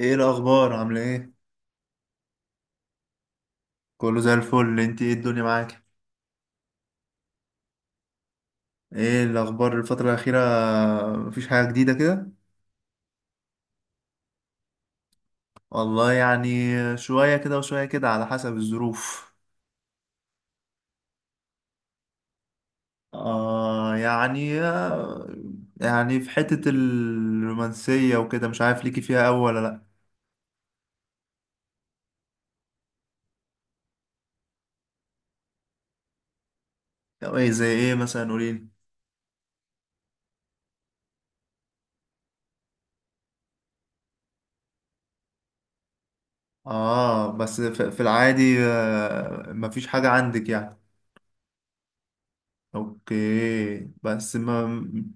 ايه الاخبار؟ عامله ايه؟ كله زي الفل. انت ايه الدنيا معاك؟ ايه الاخبار الفتره الاخيره؟ مفيش حاجه جديده كده؟ والله يعني، شويه كده وشويه كده على حسب الظروف. آه يعني آه، يعني في حته الرومانسيه وكده مش عارف ليكي فيها أوي ولا لا. طب ايه، زي ايه مثلا؟ قوليلي. اه، بس في العادي مفيش حاجه عندك يعني؟ اوكي بس ما،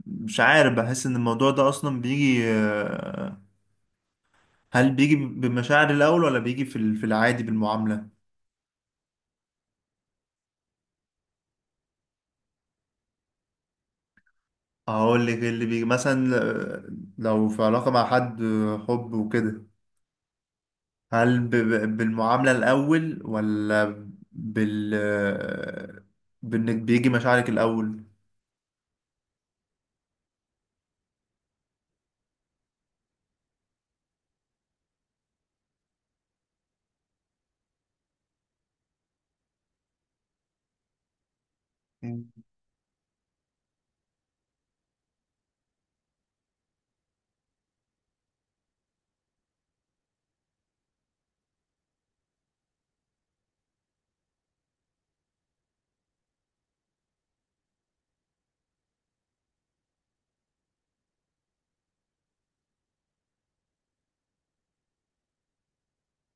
مش عارف بحس ان الموضوع ده اصلا بيجي، هل بيجي بمشاعر الاول ولا بيجي في العادي بالمعامله؟ اقول لك إيه اللي بيجي مثلا. لو في علاقه مع حد، حب وكده، هل بالمعامله الاول، ولا بال آه، بانك بيجي مشاعرك الاول؟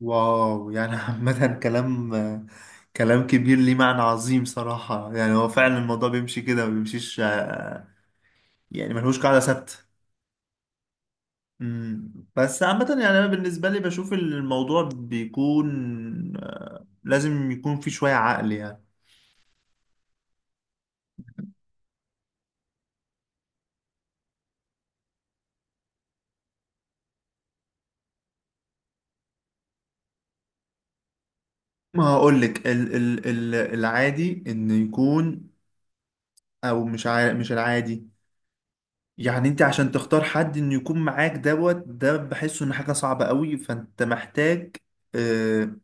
واو، يعني عامة، كلام كبير ليه معنى عظيم صراحة. يعني هو فعلا الموضوع بيمشي كده ما بيمشيش، يعني ملهوش قاعدة ثابتة. بس عامة يعني أنا بالنسبة لي بشوف الموضوع بيكون لازم يكون فيه شوية عقل يعني. ما هقولك ال العادي إنه يكون، أو مش عارف، مش العادي. يعني انت عشان تختار حد انه يكون معاك دوت، ده بحسه ان حاجة صعبة قوي، فانت محتاج آه،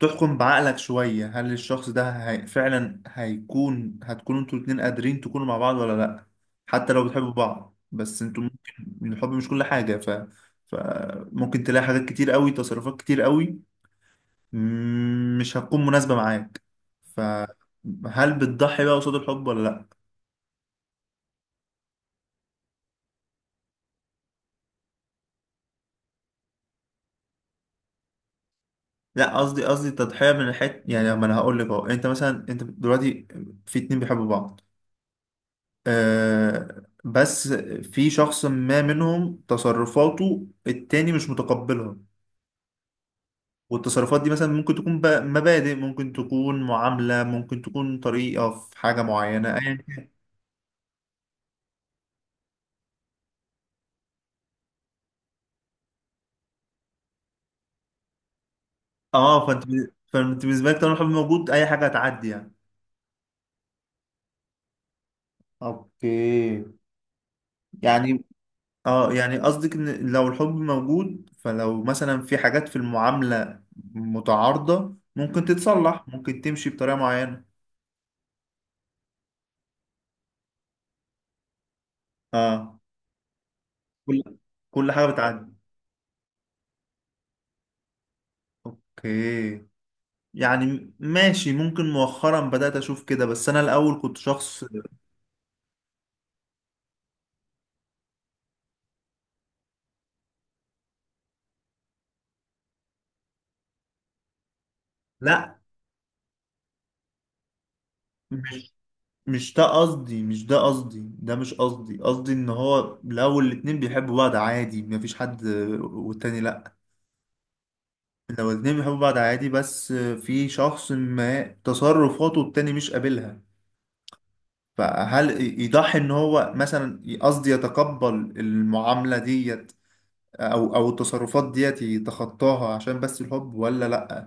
تحكم بعقلك شوية. هل الشخص ده فعلا هيكون، هتكونوا انتوا الاتنين قادرين تكونوا مع بعض ولا لأ؟ حتى لو بتحبوا بعض، بس انتوا ممكن الحب مش كل حاجة، فممكن تلاقي حاجات كتير قوي، تصرفات كتير قوي مش هتكون مناسبة معاك. فهل بتضحي بقى قصاد الحب ولا لأ؟ لأ، قصدي تضحية من الحت. يعني ما انا هقول لك اهو، انت مثلا، انت دلوقتي في اتنين بيحبوا بعض، آه بس في شخص ما منهم تصرفاته التاني مش متقبلها. والتصرفات دي مثلا ممكن تكون مبادئ، ممكن تكون معاملة، ممكن تكون طريقة في حاجة معينة، أيا كان. اه فانت، فانت بالنسبة لك طالما الحب موجود أي حاجة هتعدي يعني. اوكي، يعني اه، يعني قصدك ان لو الحب موجود، فلو مثلا في حاجات في المعاملة متعارضة، ممكن تتصلح، ممكن تمشي بطريقة معينة. اه، كل كل حاجة بتعدي. اوكي. يعني ماشي، ممكن مؤخرا بدأت اشوف كده، بس انا الاول كنت شخص. لا، مش مش ده قصدي ده مش قصدي. قصدي ان هو الاول الاتنين بيحبوا بعض عادي مفيش حد، والتاني لا، لو الاتنين بيحبوا بعض عادي بس في شخص ما تصرفاته التاني مش قابلها، فهل يضحي ان هو مثلا، قصدي يتقبل المعاملة ديت او التصرفات ديت يتخطاها عشان بس الحب، ولا لا؟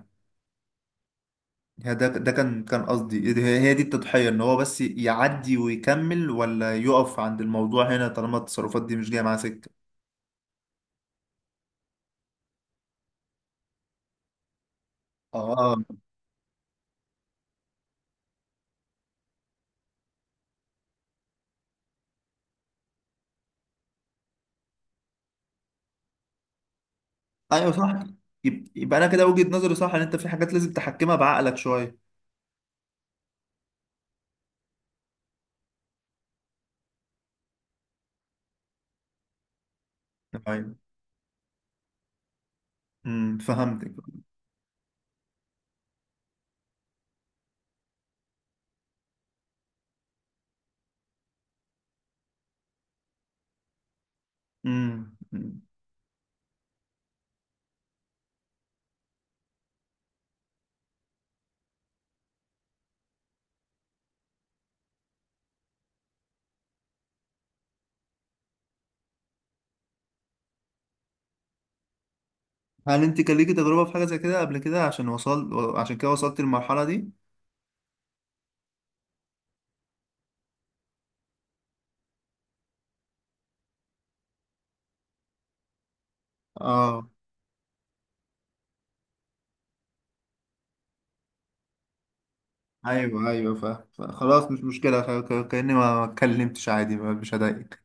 يعني ده كان قصدي، هي دي التضحية، ان هو بس يعدي ويكمل، ولا يقف عند الموضوع هنا طالما التصرفات دي مش جاية معاه سكة. اه، ايوه صح. يبقى انا كده وجهة نظري صح، ان انت في حاجات لازم تحكمها بعقلك شوية. ايوه، امم، فهمتك. أمم. هل انت كان ليكي تجربة في حاجة زي كده قبل كده، عشان وصل، عشان كده وصلت للمرحلة دي؟ اه، ايوه فاهم. خلاص مش مشكلة، كأني ما اتكلمتش، عادي، مش هضايقك.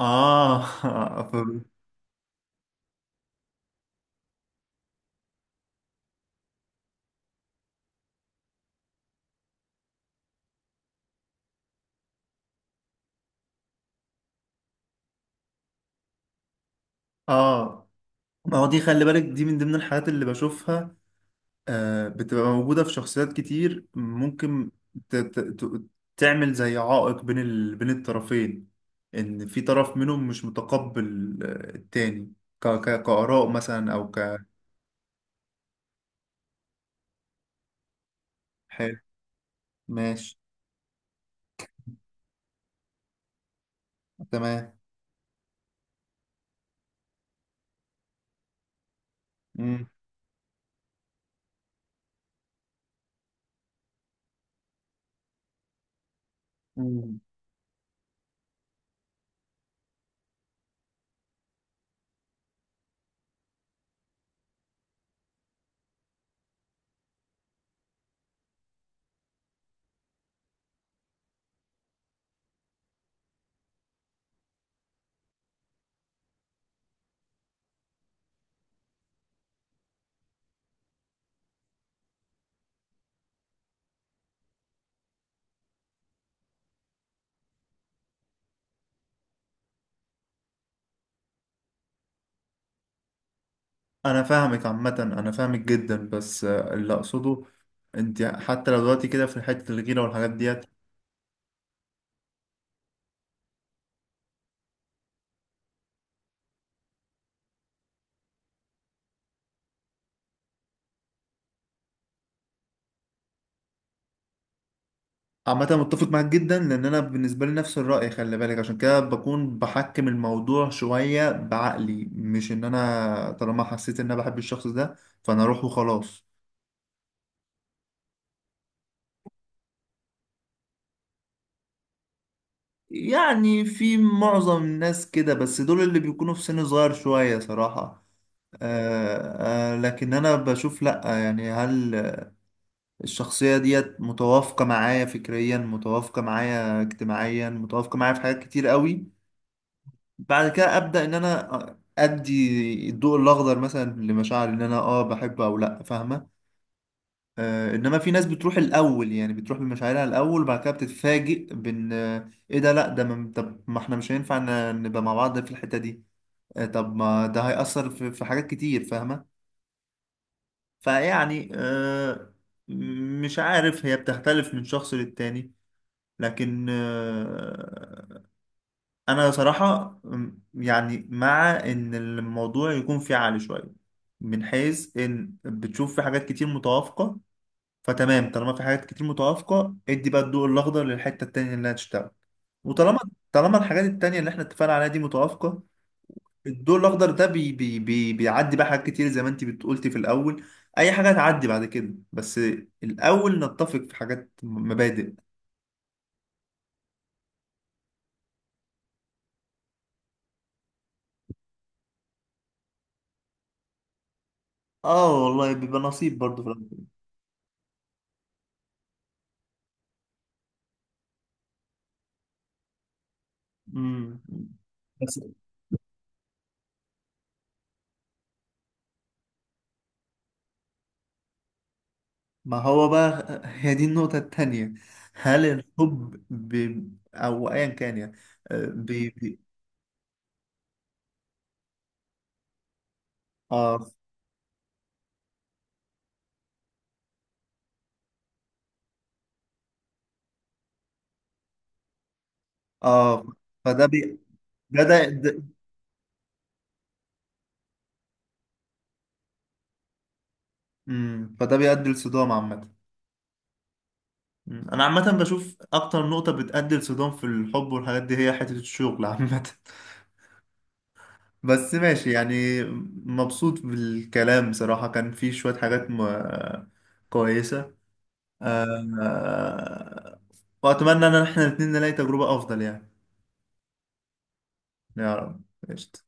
اه. ف- اه، ما هو دي خلي بالك، دي من ضمن الحاجات اللي بشوفها بتبقى موجودة في شخصيات كتير. ممكن ت- ت- ت- تعمل زي عائق بين الطرفين، إن في طرف منهم مش متقبل التاني، كآراء مثلا، أو ك. حلو، ماشي، تمام. مم. مم. أنا فاهمك عامة، أنا فاهمك جدا، بس اللي أقصده، أنت حتى لو دلوقتي كده في حتة الغيرة والحاجات ديت، عامة متفق معاك جدا، لأن أنا بالنسبة لي نفس الرأي. خلي بالك عشان كده بكون بحكم الموضوع شوية بعقلي، مش إن أنا طالما حسيت إن أنا بحب الشخص ده فأنا أروح وخلاص. يعني في معظم الناس كده، بس دول اللي بيكونوا في سن صغير شوية صراحة. لكن أنا بشوف لأ. يعني هل الشخصية ديت متوافقة معايا فكريا، متوافقة معايا اجتماعيا، متوافقة معايا في حاجات كتير قوي؟ بعد كده ابدا ان انا ادي الضوء الاخضر مثلا لمشاعر ان انا اه بحب او لا، فاهمه؟ آه، انما في ناس بتروح الاول، يعني بتروح بمشاعرها الاول، وبعد كده بتتفاجئ بان ايه ده، لا ده ما طب ما احنا مش هينفع نبقى مع بعض في الحته دي. آه طب ما ده هيأثر في حاجات كتير، فاهمه؟ فيعني آه، مش عارف، هي بتختلف من شخص للتاني. لكن انا صراحة يعني مع ان الموضوع يكون فيه عالي شوية، من حيث ان بتشوف في حاجات كتير متوافقة، فتمام، طالما في حاجات كتير متوافقة ادي بقى الضوء الاخضر للحتة التانية اللي هتشتغل. وطالما، طالما الحاجات التانية اللي احنا اتفقنا عليها دي متوافقة، الضوء الاخضر ده بي بيعدي بقى حاجات كتير زي ما انت بتقولتي في الاول. اي حاجة هتعدي بعد كده، بس الاول نتفق في حاجات مبادئ. اه والله بيبقى نصيب برضه في الاول. أمم. ما هو بقى، هي دي النقطة التانية. هل الحب أو أيا كان يعني، آه، بي... بي... آه آه. فده ده ده ده- فده بيؤدي لصدام عامة. مم. أنا عامة بشوف أكتر نقطة بتؤدي لصدام في الحب والحاجات دي، هي حتة الشغل عامة. بس ماشي يعني. مبسوط بالكلام بصراحة، كان في شوية حاجات كويسة، آه... آه، وأتمنى إن إحنا الاتنين نلاقي تجربة أفضل يعني. يا رب. قشطة.